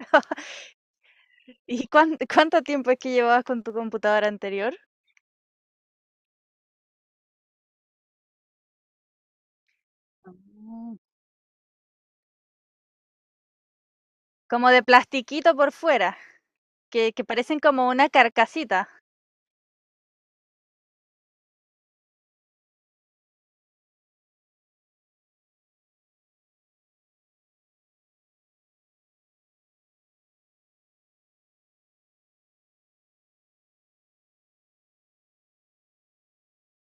¿Y cuánto tiempo es que llevabas con tu computadora anterior? Ah. Como de plastiquito por fuera, que parecen como una carcasita.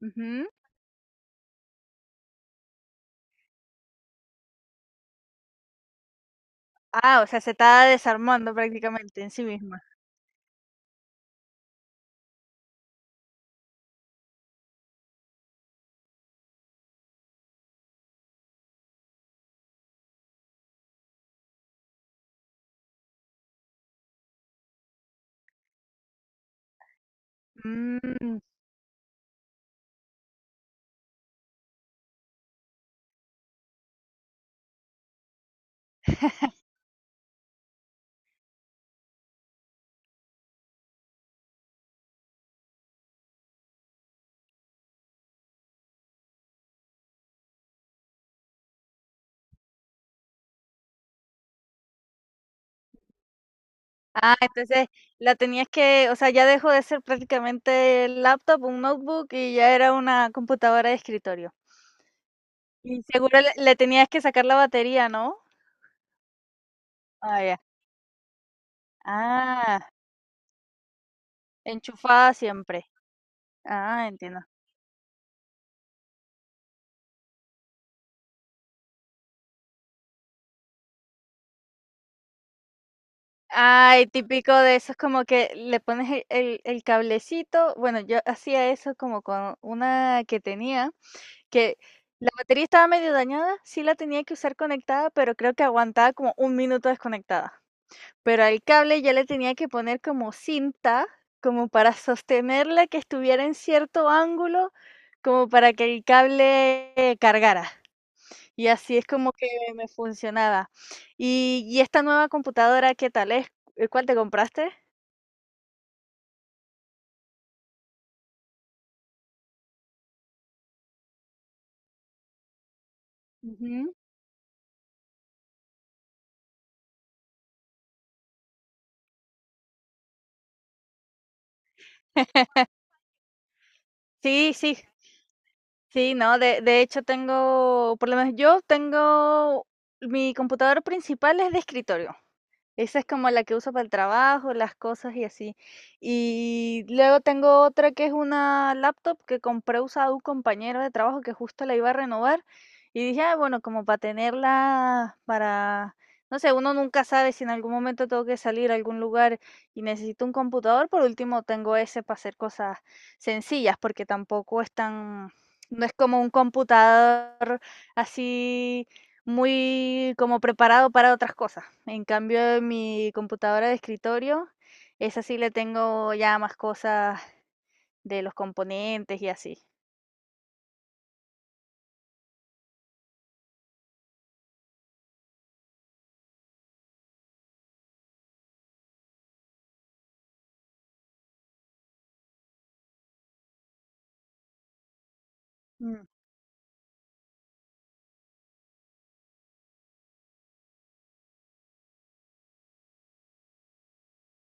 Ujú. Ah, o sea, se estaba desarmando prácticamente en sí misma. Mm. Ah, entonces la tenías que, o sea, ya dejó de ser prácticamente laptop, un notebook, y ya era una computadora de escritorio. Y seguro le tenías que sacar la batería, ¿no? Ah, ya. Ah, enchufada siempre. Ah, entiendo. Ay, típico de esos como que le pones el cablecito. Bueno, yo hacía eso como con una que tenía, que la batería estaba medio dañada, sí la tenía que usar conectada, pero creo que aguantaba como un minuto desconectada. Pero al cable ya le tenía que poner como cinta, como para sostenerla que estuviera en cierto ángulo, como para que el cable cargara. Y así es como que me funcionaba. Y esta nueva computadora, ¿qué tal es? ¿Cuál te compraste? Ujú. Sí, sí, sí, no, de hecho tengo, por lo menos yo tengo mi computador principal es de escritorio. Esa es como la que uso para el trabajo, las cosas y así. Y luego tengo otra que es una laptop que compré usada a un compañero de trabajo que justo la iba a renovar. Y dije, ah, bueno, como para tenerla para, no sé, uno nunca sabe si en algún momento tengo que salir a algún lugar y necesito un computador. Por último, tengo ese para hacer cosas sencillas, porque tampoco es tan, no es como un computador así muy como preparado para otras cosas. En cambio, mi computadora de escritorio, esa sí le tengo ya más cosas de los componentes y así. Mm,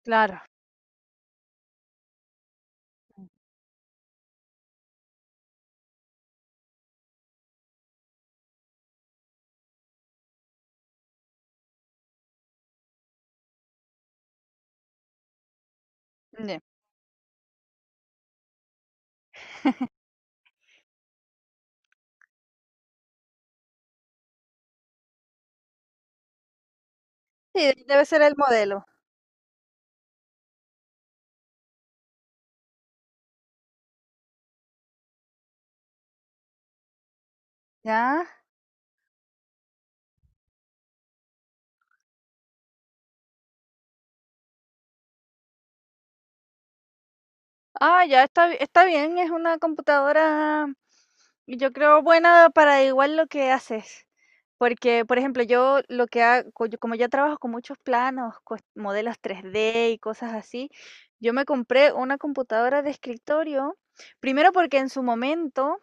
claro. Mm. Ya. Sí, debe ser el modelo. Ya. Ah, ya está, bi- está bien, es una computadora, yo creo, buena para igual lo que haces. Porque, por ejemplo, yo lo que hago, como ya trabajo con muchos planos, modelos 3D y cosas así, yo me compré una computadora de escritorio, primero porque en su momento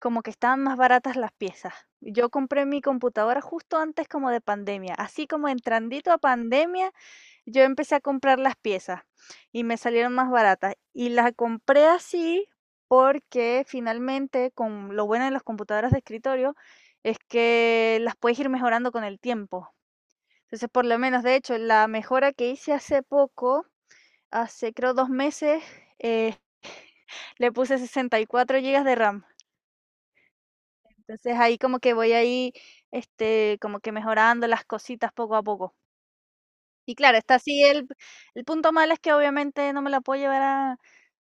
como que estaban más baratas las piezas. Yo compré mi computadora justo antes como de pandemia, así como entrandito a pandemia, yo empecé a comprar las piezas. Y me salieron más baratas. Y las compré así porque finalmente, con lo bueno de las computadoras de escritorio, es que las puedes ir mejorando con el tiempo. Entonces, por lo menos, de hecho, la mejora que hice hace poco, hace creo 2 meses, eh, le puse 64 gigas de RAM. Entonces ahí como que voy ahí, como que mejorando las cositas poco a poco. Y claro, está así el punto malo es que obviamente no me la puedo llevar a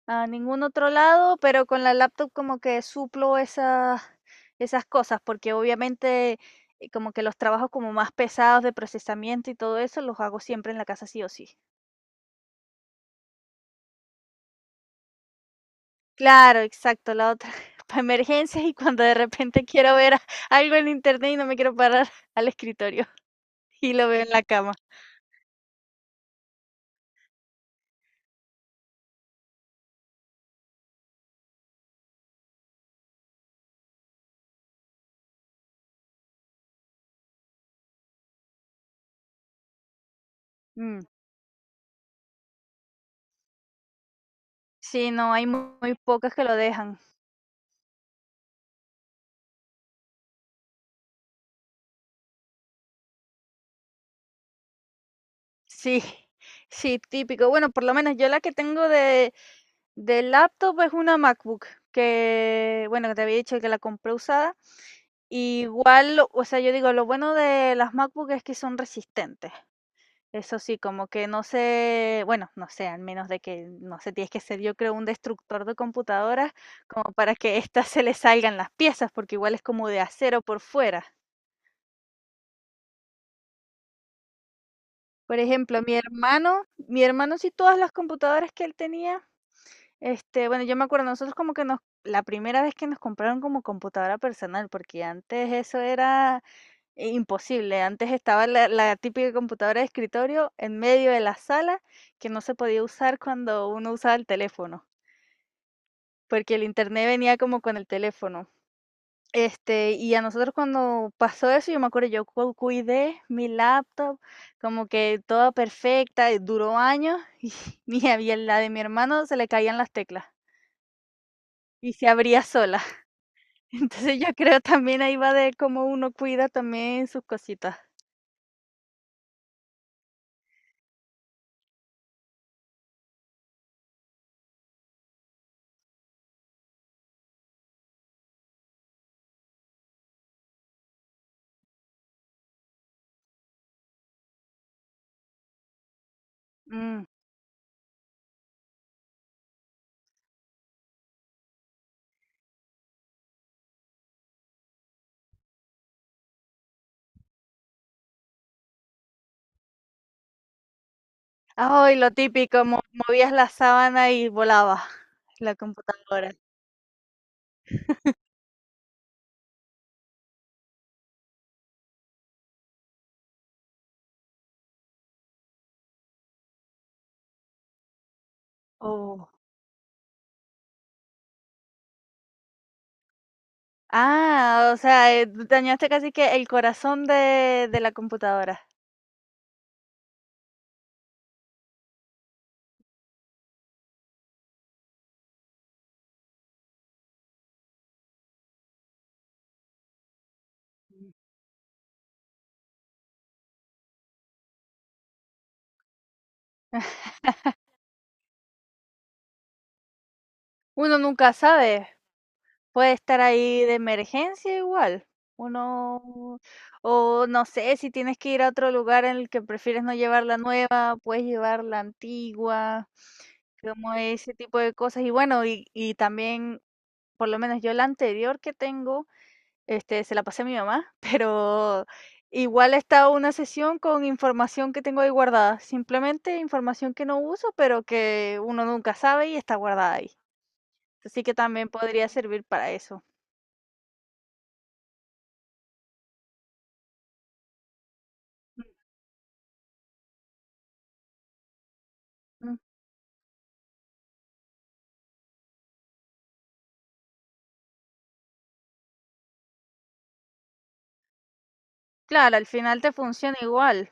ningún otro lado, pero con la laptop como que suplo esas esas cosas, porque obviamente, como que los trabajos como más pesados de procesamiento y todo eso, los hago siempre en la casa sí o sí. Claro, exacto, la otra para emergencias y cuando de repente quiero ver a algo en internet y no me quiero parar al escritorio y lo veo en la cama. Mm. Sí, no, hay muy pocas que lo dejan. Sí, sí, típico. Bueno, por lo menos yo la que tengo de, laptop es una MacBook, que, bueno, que te había dicho que la compré usada. Igual, o sea, yo digo, lo bueno de las MacBook es que son resistentes. Eso sí, como que no sé, bueno, no sé, al menos de que, no sé, tienes que ser yo creo un destructor de computadoras como para que éstas se le salgan las piezas, porque igual es como de acero por fuera. Por ejemplo, mi hermano sí todas las computadoras que él tenía. Bueno, yo me acuerdo, nosotros como que nos la primera vez que nos compraron como computadora personal, porque antes eso era imposible. Antes estaba la, la típica computadora de escritorio en medio de la sala que no se podía usar cuando uno usaba el teléfono, porque el internet venía como con el teléfono. Y a nosotros cuando pasó eso, yo me acuerdo, yo cuidé mi laptop, como que toda perfecta, y duró años, y a la de mi hermano se le caían las teclas y se abría sola. Entonces, yo creo también ahí va de cómo uno cuida también sus cositas. Mm. Ay, lo típico, mo movías la sábana y volaba la computadora. Oh. Ah, o sea, dañaste casi que el corazón de la computadora. Uno nunca sabe. Puede estar ahí de emergencia igual. Uno, o no sé, si tienes que ir a otro lugar en el que prefieres no llevar la nueva, puedes llevar la antigua, como ese tipo de cosas. Y bueno, y, también, por lo menos yo la anterior que tengo, se la pasé a mi mamá, pero igual está una sesión con información que tengo ahí guardada. Simplemente información que no uso, pero que uno nunca sabe y está guardada ahí. Así que también podría servir para eso. Claro, al final te funciona igual.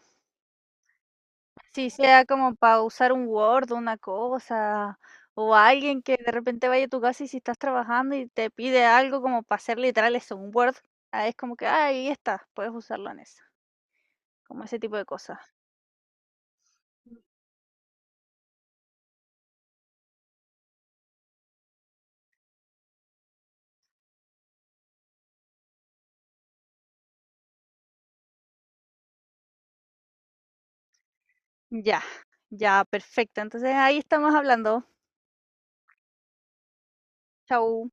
Si sea como para usar un Word, una cosa, o alguien que de repente vaya a tu casa y si estás trabajando y te pide algo como para hacer literal eso, un Word, ah, es como que ah, ahí está, puedes usarlo en eso, como ese tipo de cosas. Ya, ya, perfecto. Entonces ahí estamos hablando. Chau.